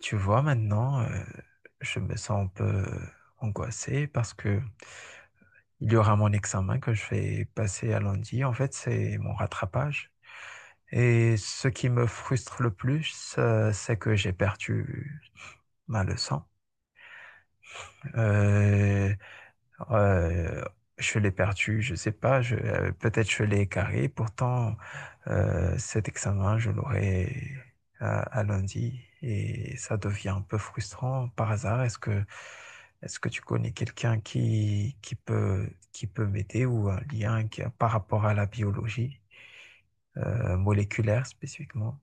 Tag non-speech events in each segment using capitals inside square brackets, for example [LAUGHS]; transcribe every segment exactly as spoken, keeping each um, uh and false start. Tu vois, maintenant, euh, je me sens un peu euh, angoissé parce que il y aura mon examen que je vais passer à lundi. En fait, c'est mon rattrapage. Et ce qui me frustre le plus, euh, c'est que j'ai perdu ma leçon. Euh, Euh, je l'ai perdu, je sais pas, je, euh, peut-être je l'ai écarté. Pourtant, euh, cet examen, je l'aurai à, à lundi et ça devient un peu frustrant. Par hasard, est-ce que, est-ce que tu connais quelqu'un qui, qui peut, qui peut m'aider ou un lien qui, par rapport à la biologie, euh, moléculaire spécifiquement?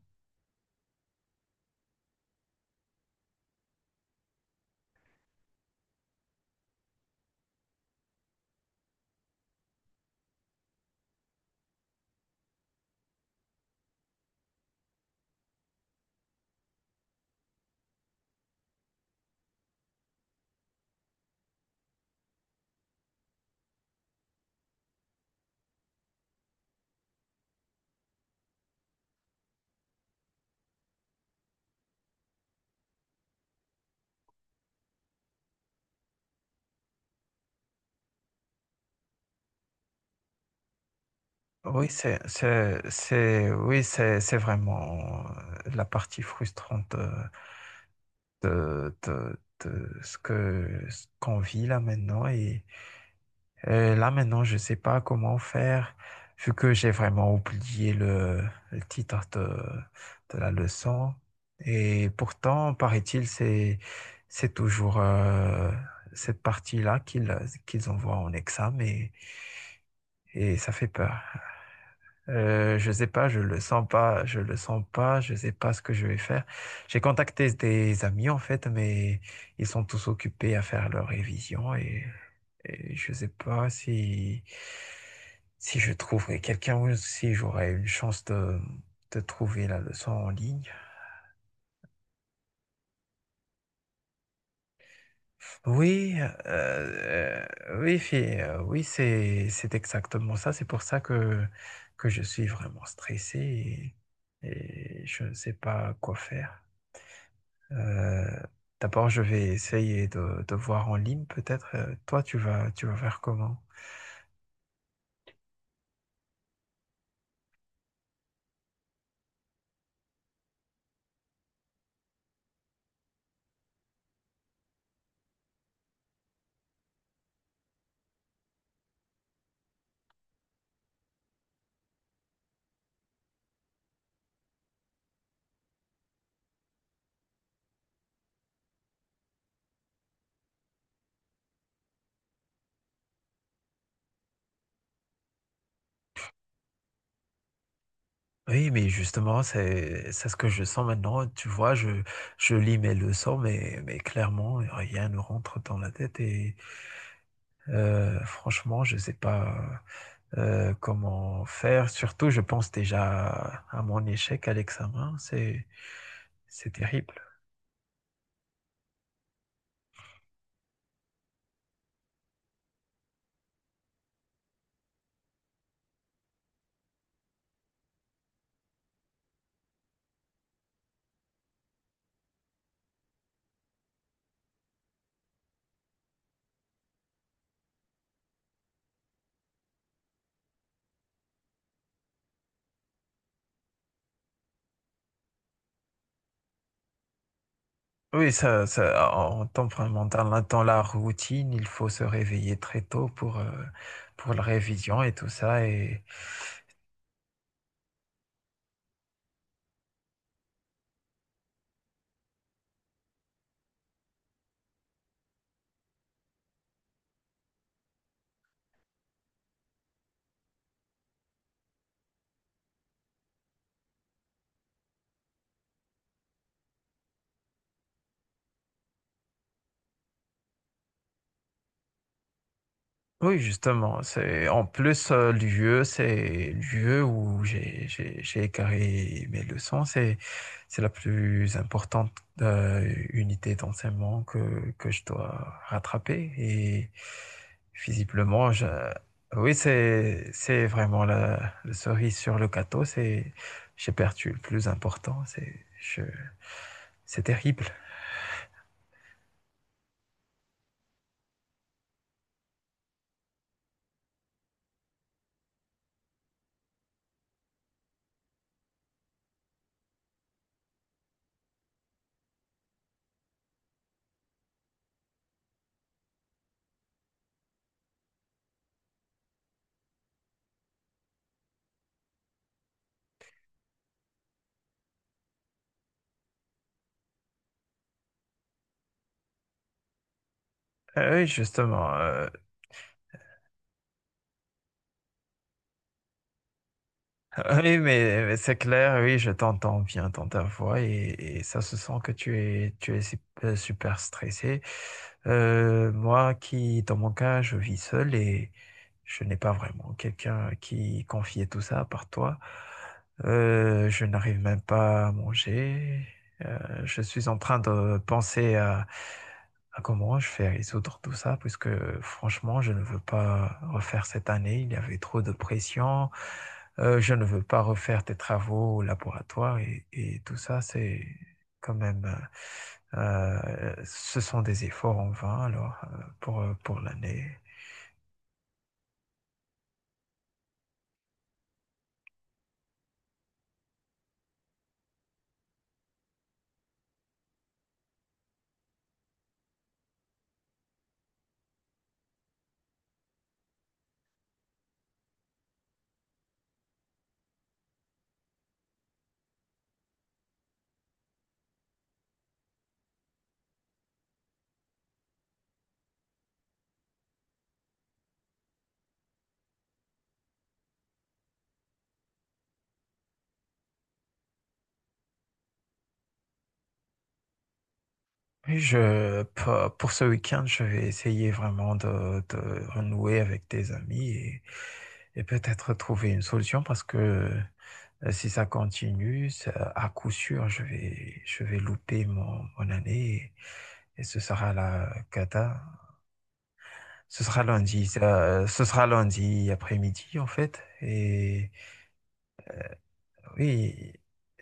Oui, c'est, c'est, c'est, oui, c'est, c'est vraiment euh, la partie frustrante. euh, de, de- de ce que, ce qu'on vit là maintenant. Et, et là maintenant, je ne sais pas comment faire, vu que j'ai vraiment oublié le, le titre de, de la leçon. Et pourtant, paraît-il, c'est, c'est toujours euh, cette partie-là qu'ils qu'ils envoient en examen et, et ça fait peur. Euh, je sais pas, je le sens pas, je le sens pas, je sais pas ce que je vais faire. J'ai contacté des amis en fait, mais ils sont tous occupés à faire leur révision et, et je sais pas si si je trouverai quelqu'un ou si j'aurai une chance de de trouver la leçon en ligne. Oui, euh, euh, oui, fi- euh, oui, c'est c'est exactement ça. C'est pour ça que que je suis vraiment stressé et, et je ne sais pas quoi faire. Euh, D'abord, je vais essayer de, de voir en ligne peut-être. Euh, toi, tu vas, tu vas faire comment? Oui, mais justement, c'est, c'est ce que je sens maintenant. Tu vois, je, je lis mes leçons, mais, mais clairement, rien ne rentre dans la tête. Et euh, franchement, je sais pas euh, comment faire. Surtout, je pense déjà à mon échec à l'examen. C'est, c'est terrible. Oui, ça, ça, en temps, vraiment, dans la, dans la routine, il faut se réveiller très tôt pour, euh, pour la révision et tout ça. Et, Oui, justement. C'est en plus euh, le lieu, c'est le lieu où j'ai j'ai j'ai écarré mes leçons. C'est c'est la plus importante euh, unité d'enseignement que que je dois rattraper. Et visiblement, je, oui, c'est c'est vraiment la, la cerise sur le gâteau. C'est J'ai perdu le plus important. C'est je c'est terrible. Euh, Oui, justement. euh, [LAUGHS] Oui, mais, mais c'est clair, oui, je t'entends bien dans ta voix et, et ça se sent que tu es, tu es sup- euh, super stressé. Euh, moi qui, dans mon cas, je vis seul et je n'ai pas vraiment quelqu'un qui confier tout ça à part toi. Euh, je n'arrive même pas à manger. Euh, je suis en train de penser à, à comment je fais résoudre tout ça, puisque franchement, je ne veux pas refaire cette année. Il y avait trop de pression. Euh, je ne veux pas refaire tes travaux au laboratoire et, et tout ça, c'est quand même, euh, euh, ce sont des efforts en vain alors euh, pour, euh, pour l'année. Oui, je, pour, pour ce week-end, je vais essayer vraiment de, de renouer avec tes amis et, et peut-être trouver une solution parce que euh, si ça continue, ça- à coup sûr, je vais, je vais louper mon, mon année et, et ce sera la cata. Ce sera lundi, ça- ce sera lundi après-midi en fait. Et oui,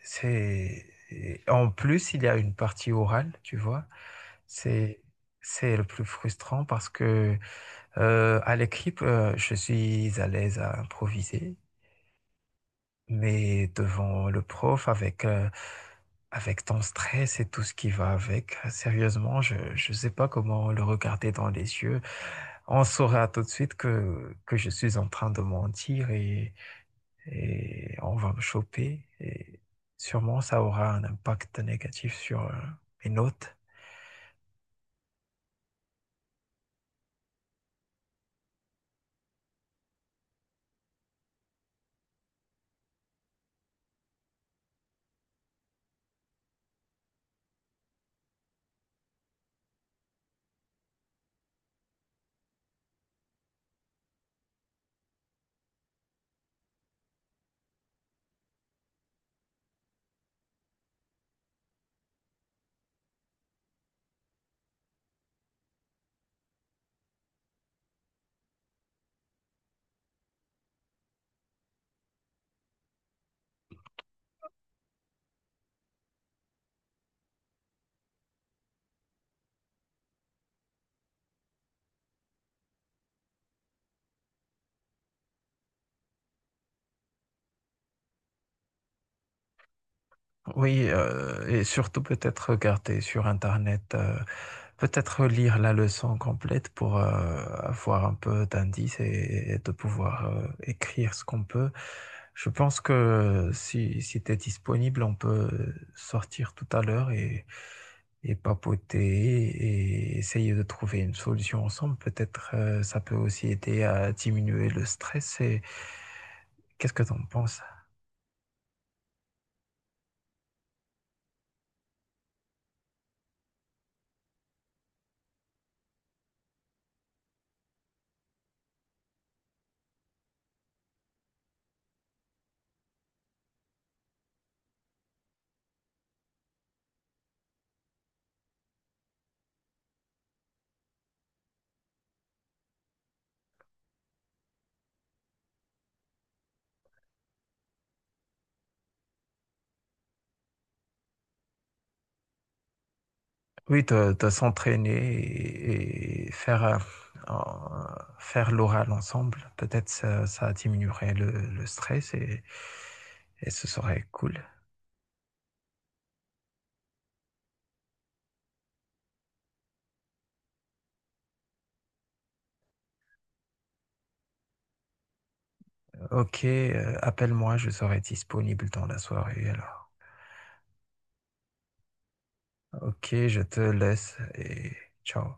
c'est et en plus il y a une partie orale, tu vois. C'est c'est le plus frustrant parce que euh, à l'écrit, euh, je suis à l'aise à improviser. Mais devant le prof, avec, euh, avec ton stress et tout ce qui va avec, euh, sérieusement, je ne sais pas comment le regarder dans les yeux. On saura tout de suite que, que je suis en train de mentir et, et on va me choper. Et sûrement, ça aura un impact négatif sur euh, mes notes. Oui, euh, et surtout peut-être regarder sur Internet, euh, peut-être lire la leçon complète pour euh, avoir un peu d'indices et, et de pouvoir euh, écrire ce qu'on peut. Je pense que si, si tu es disponible, on peut sortir tout à l'heure et, et papoter et essayer de trouver une solution ensemble. Peut-être euh, ça peut aussi aider à diminuer le stress. Et qu'est-ce que tu en penses? Oui, de, de s'entraîner et, et faire, euh, euh, faire l'oral ensemble. Peut-être ça, ça diminuerait le, le stress et, et ce serait cool. Ok, euh, appelle-moi, je serai disponible dans la soirée alors. Ok, je te laisse et ciao.